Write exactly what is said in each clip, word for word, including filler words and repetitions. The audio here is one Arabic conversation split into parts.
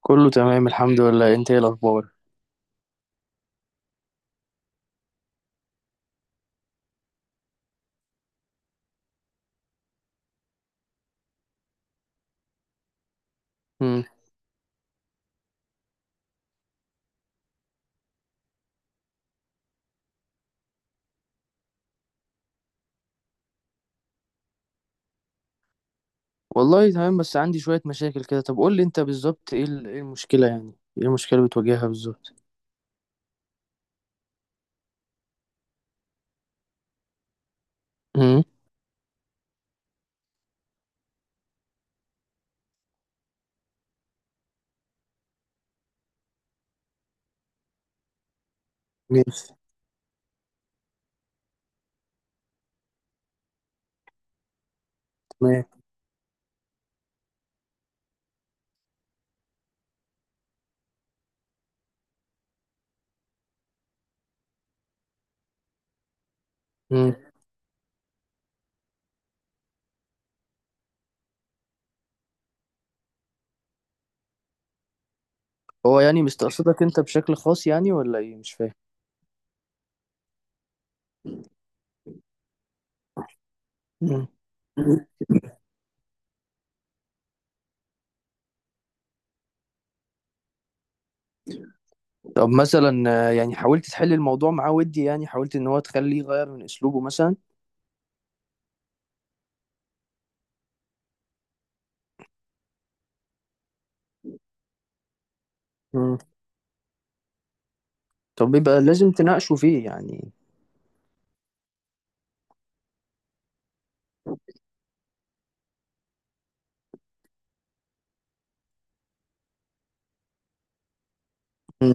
كله تمام، الحمد لله. انت ايه الاخبار؟ مم. والله تمام، بس عندي شوية مشاكل كده. طب قول لي انت بالظبط، ايه ال- ايه المشكلة؟ يعني ايه المشكلة اللي بتواجهها بالظبط؟ مم. ماشي. تمام. مم. هو يعني مستقصدك انت بشكل خاص يعني، ولا ايه؟ مش فاهم. مم. مم. طب مثلا، آه، يعني حاولت تحل الموضوع معاه؟ ودي يعني حاولت ان هو تخليه يغير من اسلوبه مثلا؟ مم. طب يبقى لازم تناقشه فيه يعني. مم.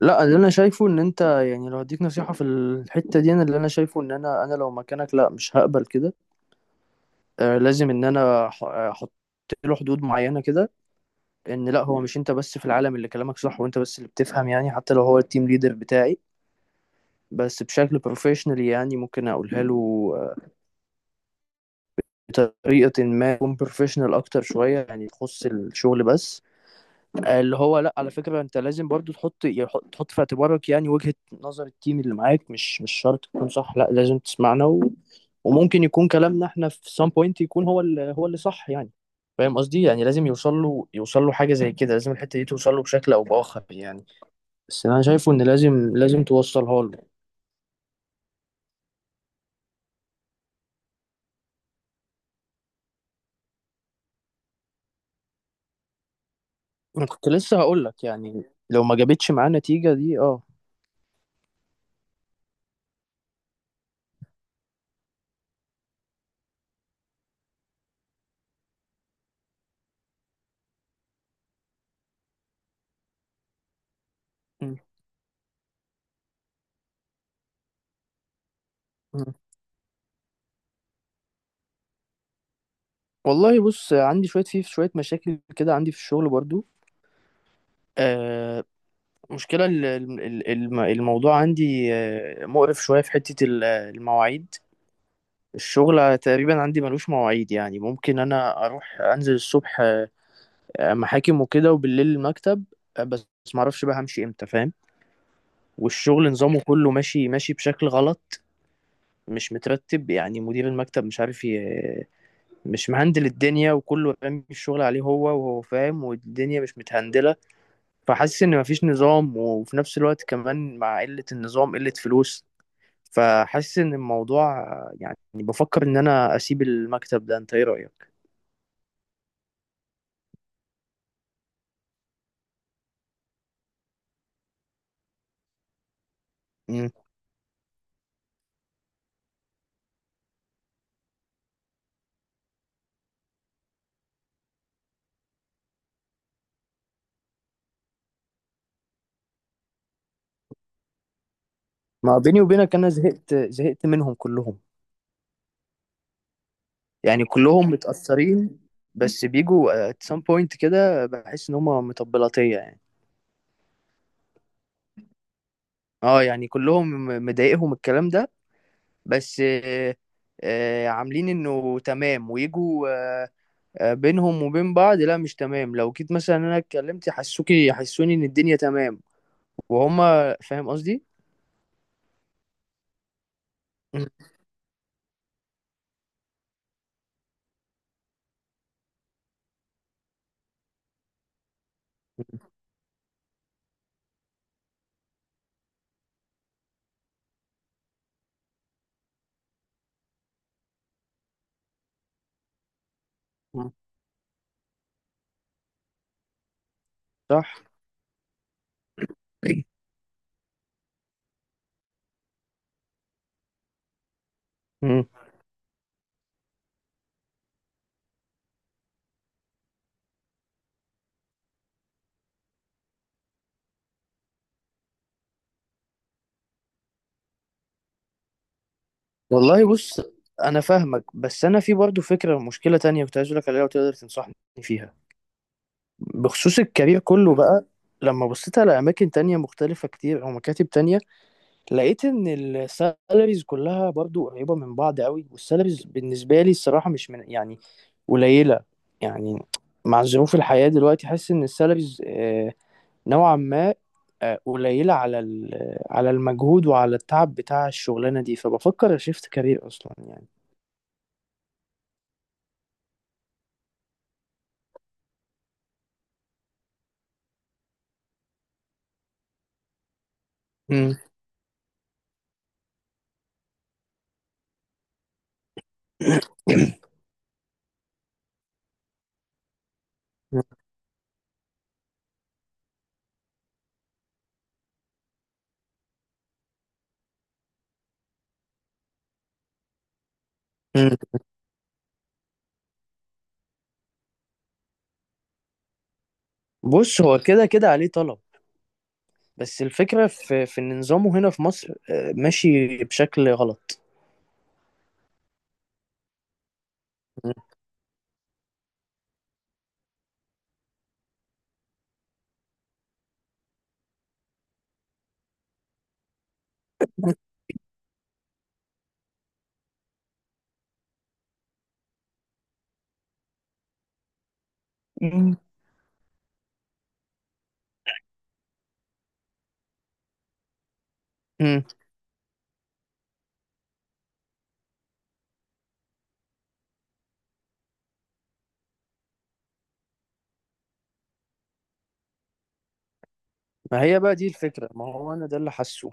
لا، اللي انا شايفه ان انت يعني، لو هديك نصيحة في الحتة دي، انا اللي انا شايفه ان انا انا لو مكانك، لا مش هقبل كده. آه، لازم ان انا أح- احط له حدود معينه كده. ان لا، هو مش انت بس في العالم اللي كلامك صح وانت بس اللي بتفهم يعني. حتى لو هو التيم ليدر بتاعي، بس بشكل بروفيشنال يعني ممكن اقولها له. آه، بطريقه ما تكون بروفيشنال اكتر شويه، يعني تخص الشغل بس. اللي هو، لا على فكرة انت لازم برضو تحط يح- تحط في اعتبارك يعني وجهة نظر التيم اللي معاك. مش مش شرط تكون صح. لا، لازم تسمعنا، و... وممكن يكون كلامنا احنا في سام بوينت، يكون هو اللي هو اللي صح يعني. فاهم قصدي؟ يعني لازم يوصل له، يوصل له حاجة زي كده. لازم الحتة دي توصل له بشكل او باخر يعني. بس انا شايفه ان لازم لازم توصلها له. انا كنت لسه هقول لك يعني، لو ما جابتش معاه نتيجة دي. اه. م- م. والله بص، عندي شوية في شوية مشاكل كده، عندي في الشغل برضو. آه، المشكلة ال- ال- ال- الم- الموضوع عندي آه، مقرف شوية، في حتة ال- المواعيد. الشغل تقريبا عندي ملوش مواعيد، يعني ممكن أنا أروح أنزل الصبح آه، محاكم وكده، وبالليل المكتب. آه، بس معرفش بقى همشي إمتى، فاهم. والشغل نظامه كله ماشي ماشي بشكل غلط. مش مترتب، يعني مدير المكتب مش عارف ي- مش مهندل الدنيا. وكله رامي الشغل عليه هو، وهو فاهم، والدنيا مش متهندلة. فحاسس إن مفيش نظام. وفي نفس الوقت كمان، مع قلة النظام، قلة فلوس. فحاسس ان الموضوع، يعني بفكر ان انا اسيب المكتب ده. انت ايه رأيك؟ مم. ما بيني وبينك، انا زهقت زهقت منهم كلهم. يعني كلهم متأثرين، بس بيجوا at some point كده بحس ان هم مطبلاتية يعني. اه، يعني كلهم مضايقهم الكلام ده، بس آه، آه، عاملين انه تمام ويجوا. آه، آه، بينهم وبين بعض، لا مش تمام. لو جيت مثلا انا اتكلمت، يحسوكي يحسوني ان الدنيا تمام، وهم. فاهم قصدي؟ مم. مم. صح. إيه. مم. والله بص، انا فاهمك، بس انا في برضه فكره، مشكله تانية كنت عايز اقول لك عليها وتقدر تنصحني فيها، بخصوص الكارير كله بقى. لما بصيت على اماكن تانية مختلفه كتير او مكاتب تانية، لقيت ان السالاريز كلها برضه قريبه من بعض قوي. والسالاريز بالنسبه لي الصراحه مش من يعني قليله، يعني مع ظروف الحياه دلوقتي حاسس ان السالاريز نوعا ما آه، قليلة على ال- على المجهود وعلى التعب بتاع الشغلانة دي. فبفكر شيفت كارير أصلا يعني. مم. مم. بص، هو كده كده عليه طلب. بس الفكرة في في إن نظامه هنا في مصر آه، ماشي بشكل غلط. مم. مم. ما هي بقى دي الفكرة، ما هو أنا ده اللي حاسه.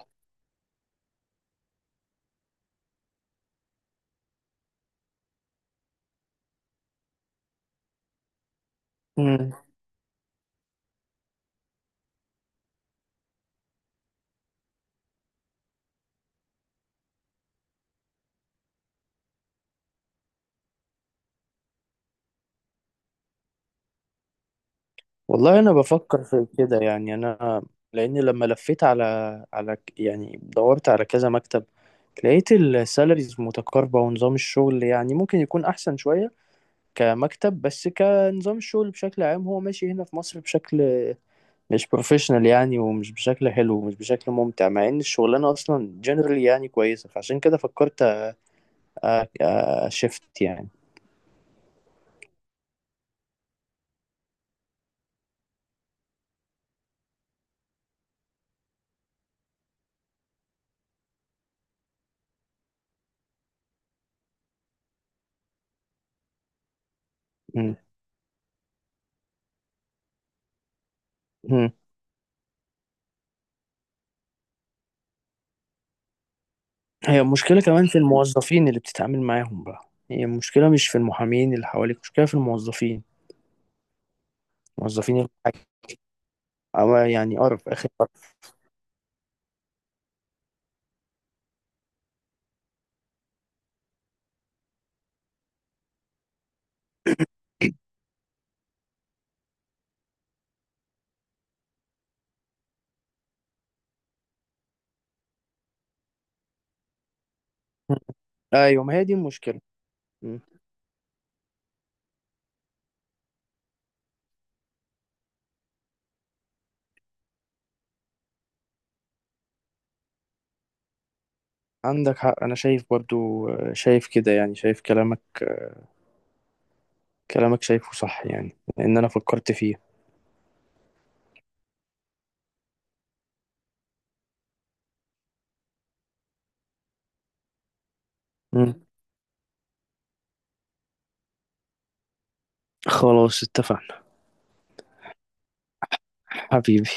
والله انا بفكر في كده يعني. انا لان لما لفيت على، على ك- يعني دورت على كذا مكتب. لقيت السالاريز متقاربة، ونظام الشغل يعني ممكن يكون احسن شوية كمكتب. بس كنظام الشغل بشكل عام، هو ماشي هنا في مصر بشكل مش بروفيشنال يعني، ومش بشكل حلو، ومش بشكل ممتع. مع ان الشغلانة اصلا جنرال يعني كويسة. فعشان كده فكرت، أ- أ- اشفت يعني. م- م. هي المشكلة كمان في الموظفين اللي بتتعامل معاهم بقى. هي المشكلة مش في المحامين اللي حواليك، المشكلة في الموظفين. موظفين الحاجة، أو يعني قرف آخر قرف. مم. أيوة، ما هي دي المشكلة. مم. عندك حق. أنا شايف برضو، آه، شايف كده يعني، شايف كلامك كلامك شايفه صح يعني. لأن أنا فكرت فيه. مم. خلاص اتفقنا. حبيبي.